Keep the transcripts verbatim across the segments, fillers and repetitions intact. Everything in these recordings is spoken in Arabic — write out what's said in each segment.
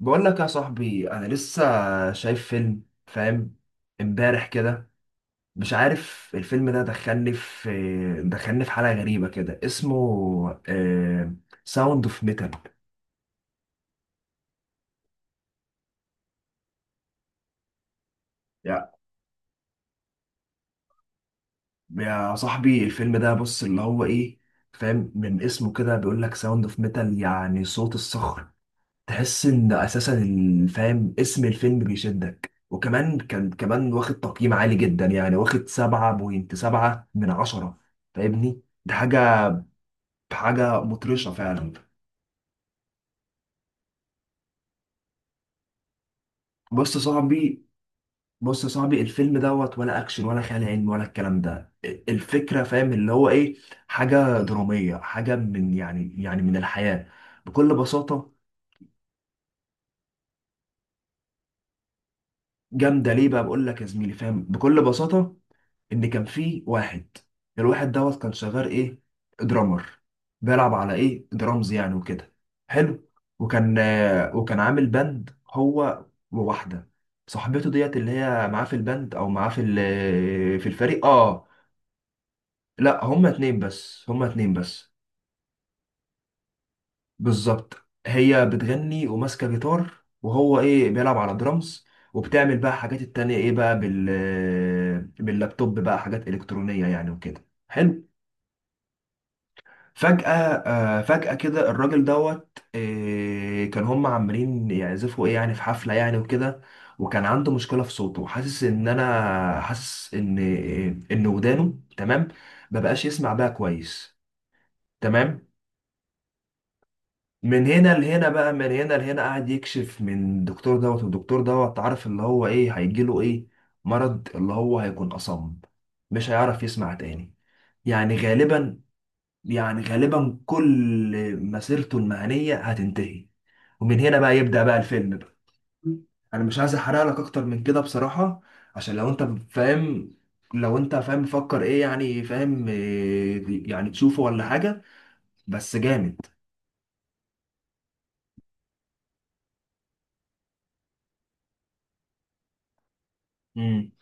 بقول لك يا صاحبي، انا لسه شايف فيلم، فاهم؟ امبارح كده. مش عارف، الفيلم ده دخلني في دخلني في حالة غريبة كده. اسمه ساوند اوف ميتال. يا يا صاحبي، الفيلم ده، بص، اللي هو ايه، فاهم؟ من اسمه كده بيقول لك ساوند اوف ميتال، يعني صوت الصخر. تحس ان اساسا ال- فاهم، اسم الفيلم بيشدك، وكمان كان كمان واخد تقييم عالي جدا، يعني واخد سبعة فاصلة سبعة من عشرة، فاهمني؟ ده حاجة، حاجة مطرشة فعلا. بص يا صاحبي بص يا صاحبي، الفيلم دوت ولا اكشن ولا خيال علمي ولا الكلام ده، الفكرة فاهم اللي هو ايه، حاجة درامية، حاجة من، يعني يعني من الحياة بكل بساطة. جامدة، ليه بقى؟ بقول لك يا زميلي، فاهم، بكل بساطة ان كان في واحد، الواحد دوت كان شغال ايه؟ درامر. بيلعب على ايه؟ درامز، يعني وكده حلو. وكان آه، وكان عامل باند، هو وواحده صاحبته ديت، اللي هي معاه في الباند، او معاه في ال- في الفريق. اه، لا، هما اتنين بس، هما اتنين بس، بالظبط. هي بتغني وماسكه جيتار، وهو ايه، بيلعب على درامز. وبتعمل بقى حاجات التانية ايه بقى، بال باللابتوب بقى، حاجات الكترونيه يعني وكده حلو. فجأة، آه، فجأة كده الراجل دوت، آه، كان هم عمالين يعزفوا ايه يعني، في حفلة يعني وكده. وكان عنده مشكلة في صوته، حاسس ان انا حاسس ان ان ودانه. تمام، مبقاش يسمع بقى كويس. تمام. من هنا لهنا بقى، من هنا لهنا، قاعد يكشف من الدكتور دوت، والدكتور دوت عارف اللي هو ايه هيجيله: ايه؟ مرض، اللي هو هيكون أصم، مش هيعرف يسمع تاني، يعني غالبا، يعني غالبا كل مسيرته المهنية هتنتهي. ومن هنا بقى يبدأ بقى الفيلم بقى. انا مش عايز احرق لك اكتر من كده بصراحة، عشان لو انت فاهم، لو انت فاهم مفكر ايه يعني، فاهم إيه يعني، تشوفه ولا حاجة. بس جامد. امم.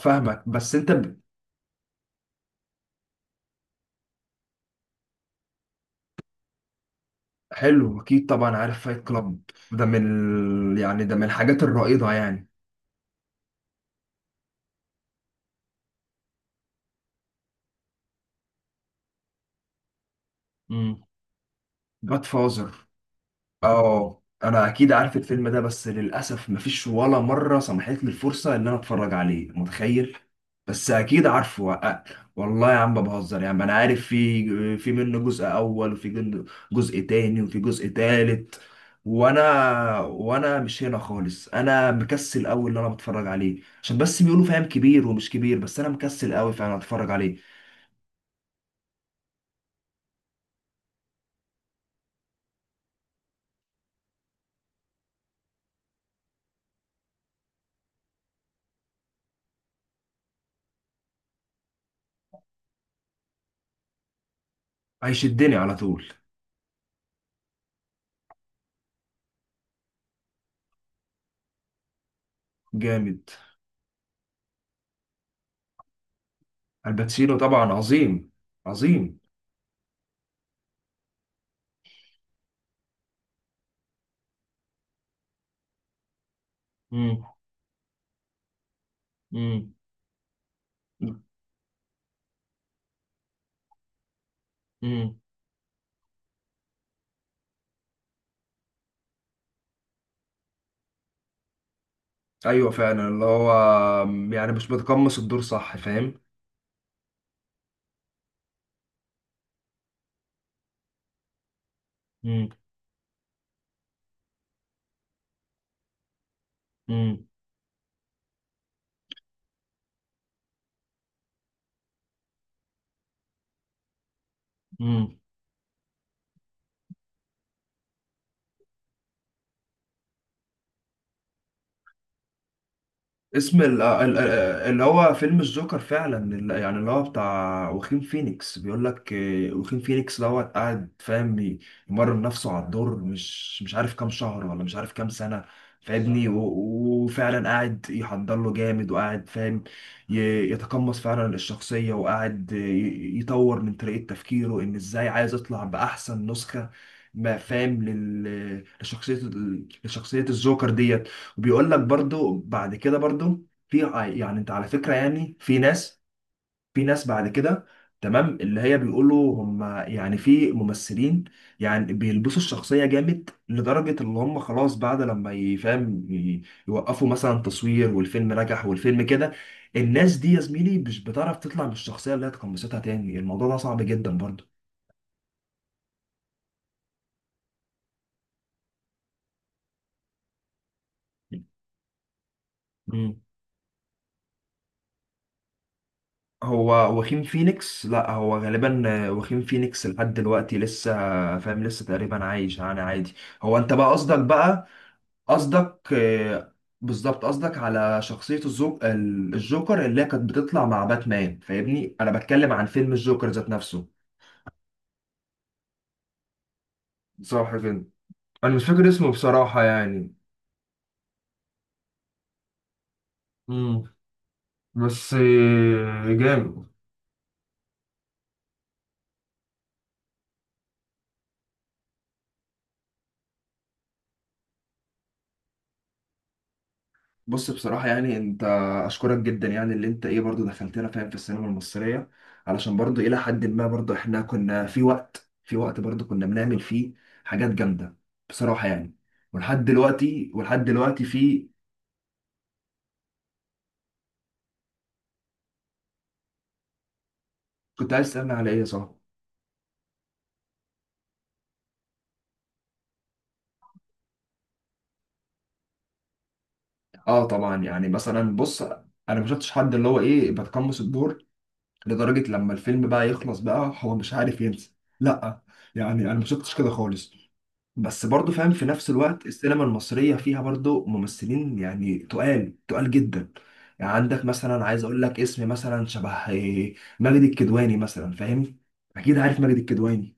فاهمك، بس انت ب- حلو. اكيد طبعا عارف فايت كلاب. ده من ال... يعني ده من الحاجات الرائدة يعني. امم. جاد فازر. اه، انا اكيد عارف الفيلم ده، بس للاسف مفيش ولا مره سمحت لي الفرصه ان انا اتفرج عليه، متخيل؟ بس اكيد عارفه أ- والله يا عم ما بهزر يا عم، انا عارف، في في منه جزء اول، وفي جن- جزء تاني، وفي جزء تالت. وانا وانا مش هنا خالص، انا مكسل قوي اللي انا بتفرج عليه، عشان بس بيقولوا فاهم كبير ومش كبير، بس انا مكسل قوي فانا اتفرج عليه. هيشدني على طول. جامد. الباتشينو طبعا عظيم. عظيم. امم. امم. ايوه فعلا، اللي هو يعني مش بتقمص الدور صح، فاهم؟ امم. امم. اسم ال- ال- ال- آه، اللي هو فيلم الجوكر فعلا، ال- يعني اللي هو بتاع واخين فينيكس، بيقول لك آه، واخين فينيكس دوت قاعد فاهم ي- يمرن نفسه على الدور، مش مش عارف كام شهر، ولا مش عارف كام سنة، فاهمني؟ و- وفعلا قاعد يحضر له جامد، وقاعد فاهم ي- يتقمص فعلا الشخصية، وقاعد آه، ي- يطور من طريقة تفكيره، ان ازاي عايز يطلع بأحسن نسخة ما فاهم لل- لشخصية، ال- لشخصية الجوكر ديت. بيقول لك برضو، بعد كده برضو في، يعني انت على فكرة يعني، في ناس في ناس بعد كده، تمام، اللي هي بيقولوا هم يعني، في ممثلين يعني بيلبسوا الشخصية جامد، لدرجة اللي هم خلاص بعد لما يفهم ي- يوقفوا مثلا تصوير، والفيلم نجح والفيلم كده، الناس دي يا زميلي مش بتعرف تطلع بالشخصية اللي هي اتقمصتها تاني، الموضوع ده صعب جدا. برضو هو واخيم فينيكس. لا، هو غالبا، آه، واخيم فينيكس لحد دلوقتي لسه فاهم، لسه تقريبا عايش يعني، عادي. هو انت بقى قصدك بقى، قصدك آه، بالظبط، قصدك على شخصية الزو... ال- الجوكر اللي هي كانت بتطلع مع باتمان، فاهمني؟ انا بتكلم عن فيلم الجوكر ذات نفسه. صح كده. انا مش فاكر اسمه بصراحة يعني. امم. بس آه، جامد. بص، بصراحة يعني انت، اشكرك جدا، يعني اللي انت ايه برضو دخلتنا فاهم في السينما المصرية، علشان برضو الى حد ما برضو احنا كنا في وقت، في وقت برضو كنا بنعمل فيه حاجات جامدة بصراحة يعني. ولحد دلوقتي، ولحد دلوقتي في، كنت عايز تسألني على ايه يا صاحبي؟ اه، طبعا، يعني مثلا بص، انا ما شفتش حد اللي هو ايه بتقمص الدور لدرجة لما الفيلم بقى يخلص بقى هو مش عارف ينسى، لا، يعني انا ما شفتش كده خالص. بس برضو فاهم، في نفس الوقت السينما المصرية فيها برضو ممثلين يعني تقال، تقال جدا. يعني عندك مثلا، عايز اقول لك اسم مثلا، شبه إيه، ماجد الكدواني مثلا، فاهم؟ اكيد عارف ماجد الكدواني.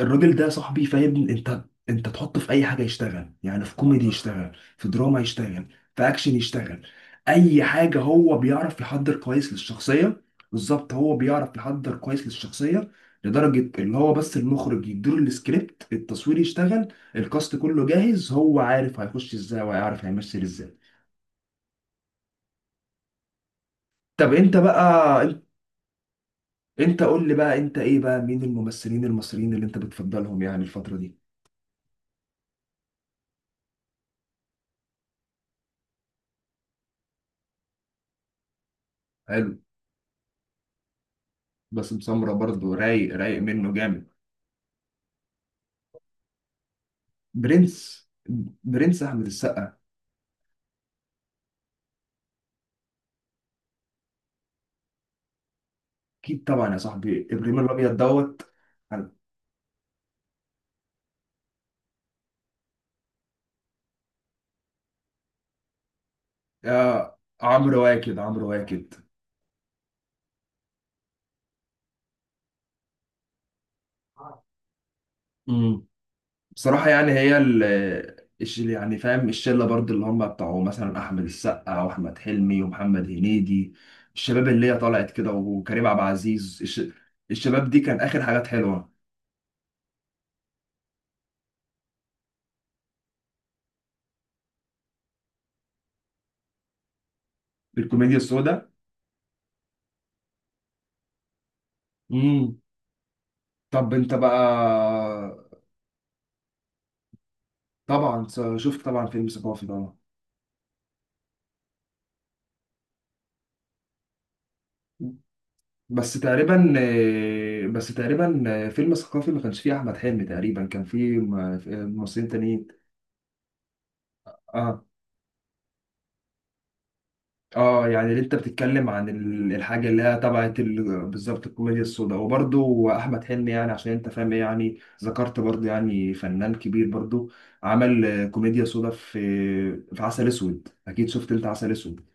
الراجل ده صاحبي، فاهم انت؟ انت تحطه في اي حاجه يشتغل، يعني في كوميدي يشتغل، في دراما يشتغل، في اكشن يشتغل، اي حاجه هو بيعرف يحضر كويس للشخصيه. بالظبط، هو بيعرف يحضر كويس للشخصيه، لدرجه اللي هو بس المخرج يديله السكريبت، التصوير يشتغل، الكاست كله جاهز، هو عارف هيخش ازاي، وهيعرف هيمثل ازاي. طب انت بقى انت انت قول لي بقى انت ايه بقى، مين الممثلين المصريين اللي انت بتفضلهم يعني الفتره دي؟ حلو. باسم سمرة برضه، رايق، رايق منه جامد. برنس. برنس احمد السقا. اكيد طبعا يا صاحبي، ابراهيم الابيض دوت. يا عمرو واكد. عمرو واكد. امم. بصراحه يعني هي ال الش- يعني فاهم الشله برضه، اللي هم بتاعوا مثلا احمد السقا واحمد حلمي ومحمد هنيدي، الشباب اللي هي طلعت كده، وكريم عبد العزيز الش... الشباب دي كان اخر حاجات حلوه. بالكوميديا السوداء. امم. طب انت بقى؟ طبعا، شفت طبعا فيلم ثقافي طبعا. بس تقريبا آه، بس تقريبا آه، فيلم ثقافي ما كانش فيه احمد حلمي تقريبا، كان فيه م- في- ممثلين تانيين. اه، اه، يعني اللي انت بتتكلم عن ال- الحاجه اللي هي تبعت ال- بالظبط الكوميديا السوداء، وبرده احمد حلمي، يعني عشان انت فاهم إيه يعني. ذكرت برضه، يعني فنان كبير برضه، عمل آه، كوميديا سوداء في في عسل اسود. اكيد شفت انت عسل اسود.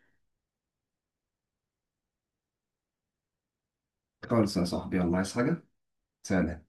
خالص يا صاحبي، الله عايز حاجه؟ سلام.